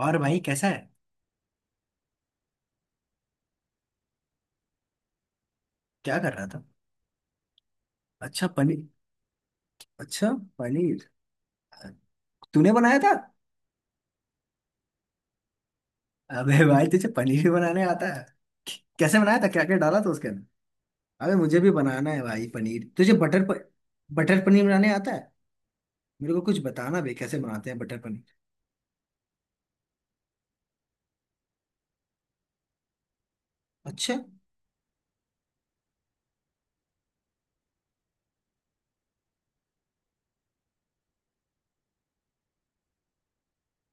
और भाई कैसा है? क्या कर रहा था? अच्छा। पनीर। अच्छा। पनीर तूने बनाया था? अबे भाई तुझे पनीर भी बनाने आता है? कैसे बनाया था, क्या क्या डाला था उसके अंदर? अबे मुझे भी बनाना है भाई पनीर। तुझे बटर पनीर बनाने आता है? मेरे को कुछ बताना बे, कैसे बनाते हैं बटर पनीर। अच्छा।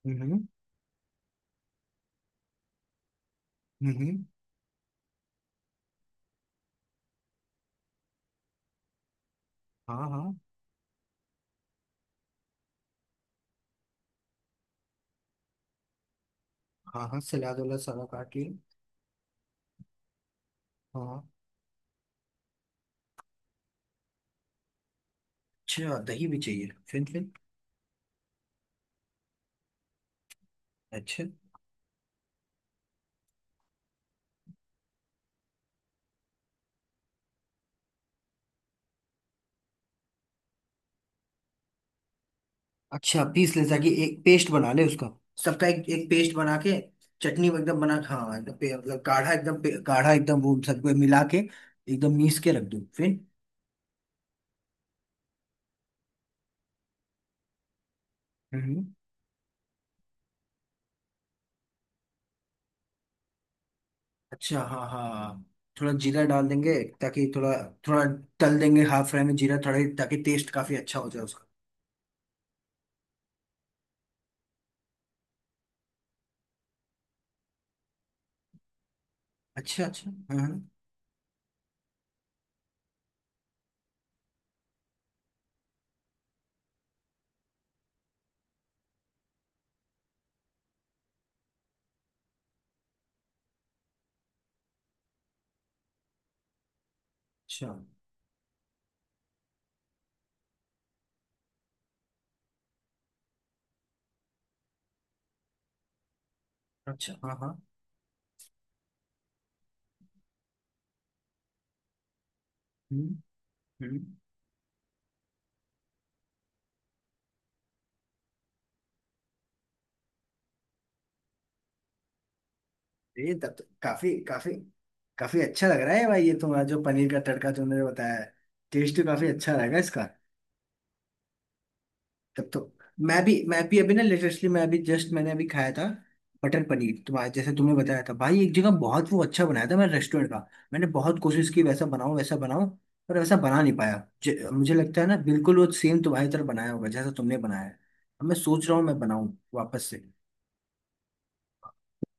हम्म। हम्म। हाँ, हाँ। हाँ, हाँ सलाद वाला सारा काट लिया। हाँ। अच्छा दही भी चाहिए फिर। अच्छा। अच्छा, पीस ले ताकि एक पेस्ट बना ले उसका। सबका एक एक पेस्ट बना के चटनी एकदम बना। हाँ, एकदम मतलब गाढ़ा एकदम गाढ़ा एकदम वो सबको मिला के एकदम मीस के रख दूँ फिर। हम्म। अच्छा, हाँ, हाँ। थोड़ा जीरा डाल देंगे ताकि थोड़ा। थोड़ा तल देंगे हाफ फ्राई में जीरा थोड़ा, ताकि टेस्ट काफी अच्छा हो जाए उसका। अच्छा, अच्छा, हाँ, हाँ। अच्छा, अच्छा, हाँ, हाँ। हम्म। हम्म। ये तब तो काफी काफी काफी अच्छा लग रहा है भाई, ये तुम्हारा जो पनीर का तड़का तुमने बताया है। टेस्ट तो काफी अच्छा रहेगा इसका। तब तो मैं भी अभी ना लेटेस्टली, मैं अभी जस्ट, मैंने अभी खाया था मटर पनीर, तुम्हारा जैसे तुमने बताया था भाई एक जगह बहुत वो अच्छा बनाया था मैं, रेस्टोरेंट का। मैंने बहुत कोशिश की, वैसा बनाऊं वैसा बनाऊं, पर वैसा बना नहीं पाया। मुझे लगता है ना, बिल्कुल वो सेम तुम्हारी तरह बनाया होगा जैसा तुमने बनाया है। अब मैं सोच रहा हूँ मैं बनाऊं वापस से।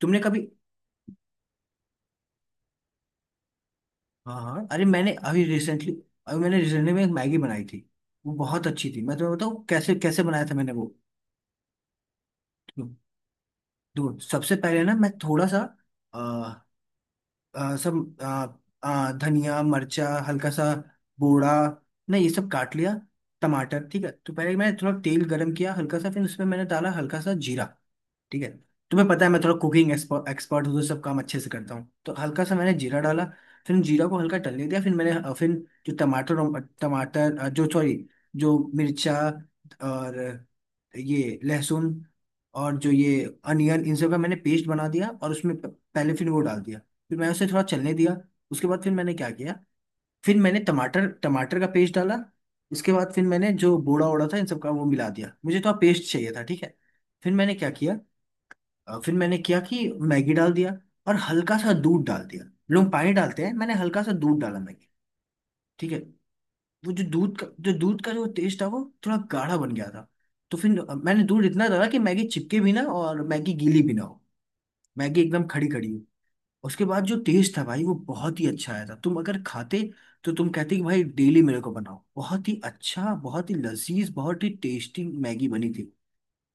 तुमने कभी। हाँ, हाँ, अरे मैंने अभी रिसेंटली, अभी मैंने रिसेंटली में एक मैगी बनाई थी। वो बहुत अच्छी थी, मैं तुम्हें बताऊँ कैसे कैसे बनाया था मैंने वो। दो, सबसे पहले ना मैं थोड़ा सा सब धनिया, मिर्चा, हल्का सा बोड़ा, नहीं ये सब काट लिया। टमाटर, ठीक है, तो पहले मैंने थोड़ा तेल गरम किया हल्का सा, फिर उसमें मैंने डाला हल्का सा जीरा। ठीक है। तुम्हें पता है मैं थोड़ा कुकिंग एक्सपर्ट हूँ, तो सब काम अच्छे से करता हूँ, तो हल्का सा मैंने जीरा डाला। फिर जीरा को हल्का टलने दिया, फिर मैंने फिर जो टमाटर टमाटर जो सॉरी, जो मिर्चा और ये लहसुन और जो ये अनियन, इन सब का मैंने पेस्ट बना दिया और उसमें पहले फिर वो डाल दिया। फिर मैंने उसे थोड़ा चलने दिया। उसके बाद फिर मैंने क्या किया, फिर मैंने टमाटर, टमाटर का पेस्ट डाला। उसके बाद फिर मैंने जो बोड़ा ओड़ा था, इन सब का वो मिला दिया, मुझे तो पेस्ट चाहिए था, ठीक है। फिर मैंने क्या किया, फिर मैंने किया कि मैगी डाल दिया और हल्का सा दूध डाल दिया। लोग पानी डालते हैं, मैंने हल्का सा दूध डाला मैगी, ठीक है। वो जो दूध का जो टेस्ट था वो थोड़ा गाढ़ा बन गया था। तो फिर मैंने दूध इतना डाला कि मैगी चिपके भी ना और मैगी गीली भी ना हो, मैगी एकदम खड़ी खड़ी हो। उसके बाद जो टेस्ट था भाई वो बहुत ही अच्छा आया था, तुम अगर खाते तो तुम कहते कि भाई डेली मेरे को बनाओ, बहुत ही अच्छा, बहुत ही लजीज, बहुत ही टेस्टी मैगी बनी थी।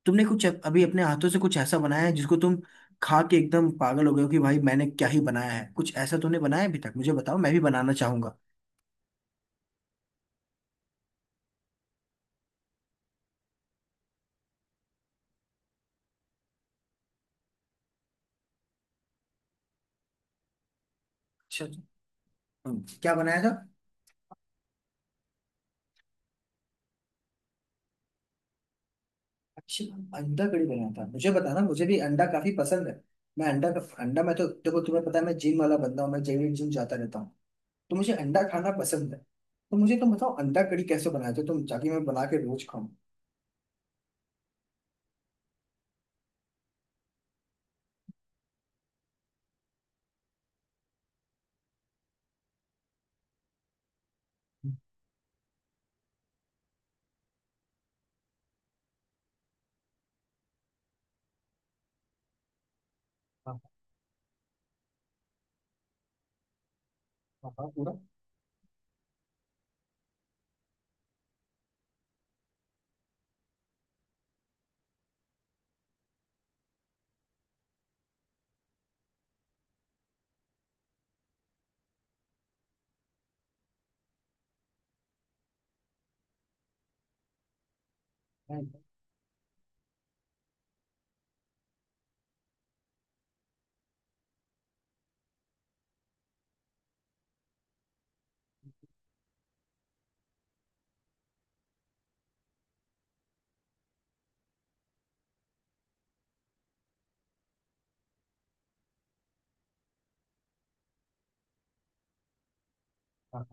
तुमने कुछ अभी अपने हाथों से कुछ ऐसा बनाया है जिसको तुम खा के एकदम पागल हो गए हो कि भाई मैंने क्या ही बनाया है? कुछ ऐसा तुमने बनाया अभी तक, मुझे बताओ, मैं भी बनाना चाहूंगा। अच्छा, अच्छा। क्या बनाया था? अच्छा, अंडा कड़ी बनाया था, मुझे बताना, मुझे भी अंडा काफी पसंद है। मैं अंडा का अंडा, मैं तो देखो तुम्हें पता है मैं जिम वाला बंदा हूँ, मैं डेली जिम जाता रहता हूँ, तो मुझे अंडा खाना पसंद है। तो मुझे तुम बताओ अंडा कड़ी कैसे बनाते हो तुम, ताकि मैं बना के रोज खाऊं। हाँ, हाँ, हाँ, पूरा। हाँ। हाँ।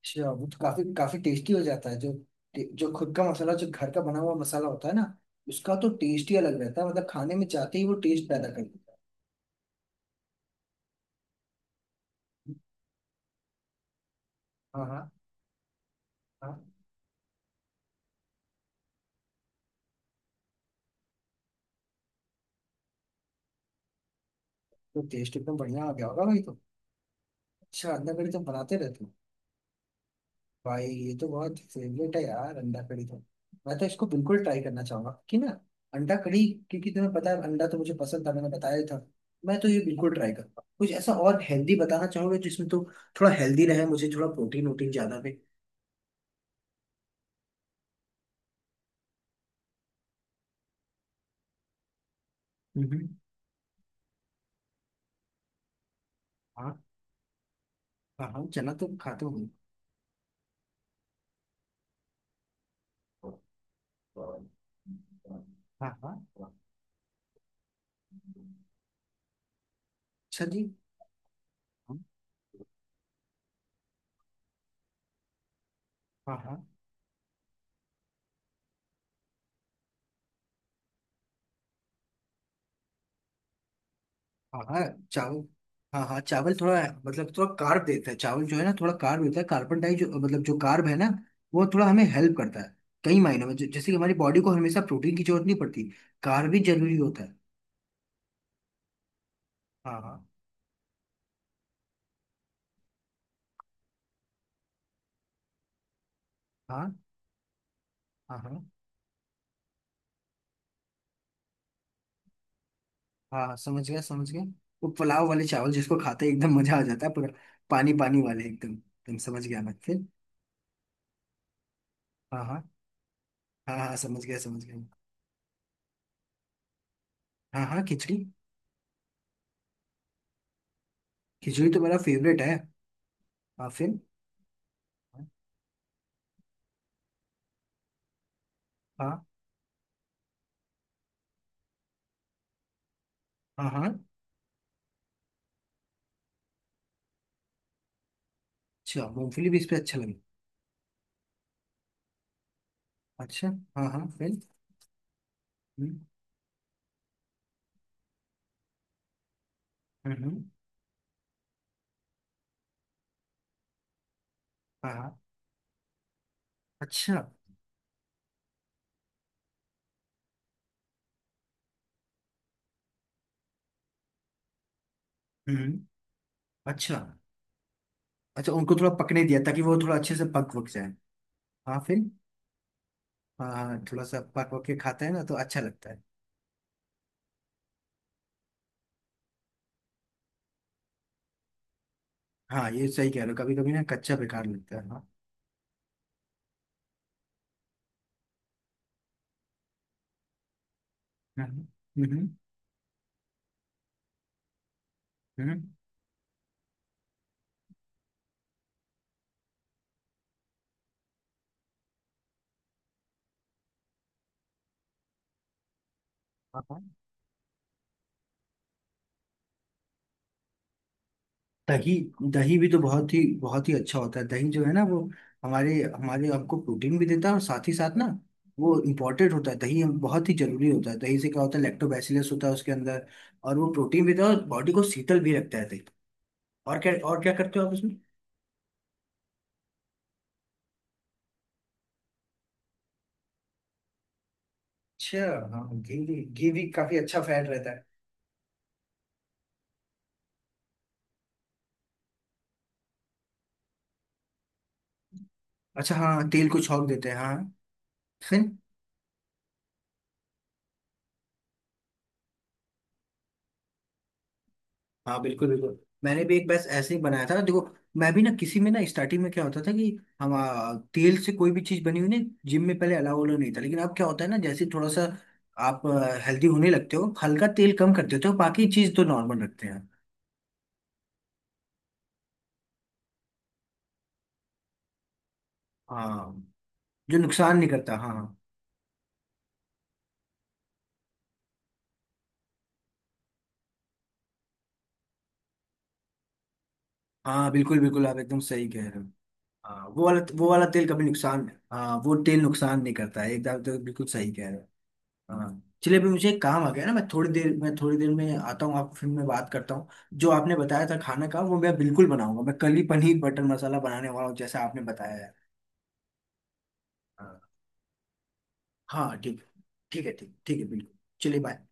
अच्छा, वो तो काफी काफी टेस्टी हो जाता है जो, जो खुद का मसाला, जो घर का बना हुआ मसाला होता है ना उसका तो टेस्ट ही अलग रहता है, मतलब खाने में जाते ही वो टेस्ट पैदा कर देता है। हाँ, हाँ, हाँ। तो टेस्ट एकदम बढ़िया आ गया होगा भाई तो। अच्छा, अंडा करी तुम बनाते रहते हो? भाई ये तो बहुत फेवरेट है यार अंडा करी तो। मैं तो इसको बिल्कुल ट्राई करना चाहूंगा कि ना, अंडा करी, क्योंकि तुम्हें पता है अंडा तो मुझे पसंद था, मैंने बताया ही था। मैं तो ये बिल्कुल ट्राई करूंगा। कुछ ऐसा और हेल्दी बताना चाहोगे जिसमें तो थोड़ा हेल्दी रहे, मुझे थोड़ा प्रोटीन वोटीन ज्यादा मिले। हम्म। हाँ, हाँ, चना तो खाते होंगे। हाँ, हाँ। अच्छा जी। हाँ। हाँ। हाँ, हाँ चावल। हाँ, हाँ चावल थोड़ा, मतलब थोड़ा कार्ब देता है चावल जो है ना, थोड़ा कार्ब देता है, कार्बन डाई जो, मतलब जो कार्ब है ना वो थोड़ा हमें हेल्प करता है कई मायनों में। जैसे कि हमारी बॉडी को हमेशा प्रोटीन की जरूरत नहीं पड़ती, कार्ब भी जरूरी होता है। हाँ, हाँ। हाँ, हाँ। हाँ, हाँ, हाँ, समझ गया, समझ गया। वो पुलाव वाले चावल जिसको खाते ही एकदम मजा आ जाता है पूरा। पानी पानी वाले एकदम एकदम, समझ गया मैं, फिर। हाँ, हाँ। हाँ, हाँ, समझ गया, समझ गया। हाँ, हाँ, खिचड़ी। खिचड़ी तो मेरा फेवरेट है। हाँ, फिर। हाँ, हाँ। हाँ, अच्छा, मूंगफली भी इस पे, अच्छा लगा। अच्छा, हाँ, हाँ, फिर। हम्म। हम्म। हम्म। हाँ, हाँ। अच्छा। हम्म। अच्छा। अच्छा, उनको थोड़ा पकने दिया ताकि वो थोड़ा अच्छे से पक वक जाए। हाँ, फिर। हाँ, हाँ, थोड़ा सा पक वक के खाते हैं ना तो अच्छा लगता है। हाँ, ये सही कह रहे हो, कभी कभी ना कच्चा बेकार लगता है, हाँ। हम्म। हम्म। हम्म। हम्म। हाँ, हाँ, दही। दही भी तो बहुत ही अच्छा होता है, दही जो है ना वो हमारे हमारे आपको प्रोटीन भी देता है और साथ ही साथ ना वो इम्पोर्टेंट होता है। दही बहुत ही जरूरी होता है, दही से क्या होता है, लैक्टोबैसिलस होता है उसके अंदर। और वो प्रोटीन भी देता है और बॉडी को शीतल भी रखता है दही। और क्या, और क्या करते हो आप इसमें? अच्छा। हाँ, घी भी, घी भी काफी अच्छा फैट रहता है। अच्छा, हाँ, तेल को छोंक देते हैं, हाँ, फिर। हाँ, बिल्कुल, बिल्कुल, मैंने भी एक बैच ऐसे ही बनाया था देखो। मैं भी ना किसी में ना स्टार्टिंग में क्या होता था कि हम तेल से कोई भी चीज बनी हुई ना जिम में पहले अलाउ वाला नहीं था। लेकिन अब क्या होता है ना, जैसे थोड़ा सा आप हेल्दी होने लगते हो, हल्का तेल कम कर देते हो, बाकी चीज तो नॉर्मल रखते हैं। हाँ, जो नुकसान नहीं करता, हाँ, हाँ। हाँ, बिल्कुल, बिल्कुल, आप एकदम सही कह रहे हो। हाँ, वो वाला तेल कभी नुकसान, हाँ, वो तेल नुकसान नहीं करता है एकदम, तो बिल्कुल सही कह रहे हो। हाँ। चलिए अभी मुझे एक काम आ गया ना, मैं थोड़ी देर में आता हूँ आपको, फिर मैं बात करता हूँ। जो आपने बताया था खाना का वो मैं बिल्कुल बनाऊंगा, मैं कल ही पनीर बटर मसाला बनाने वाला हूँ जैसा आपने बताया है। हाँ। हाँ, ठीक है। ठीक है, ठीक, ठीक है, बिल्कुल। चलिए, बाय।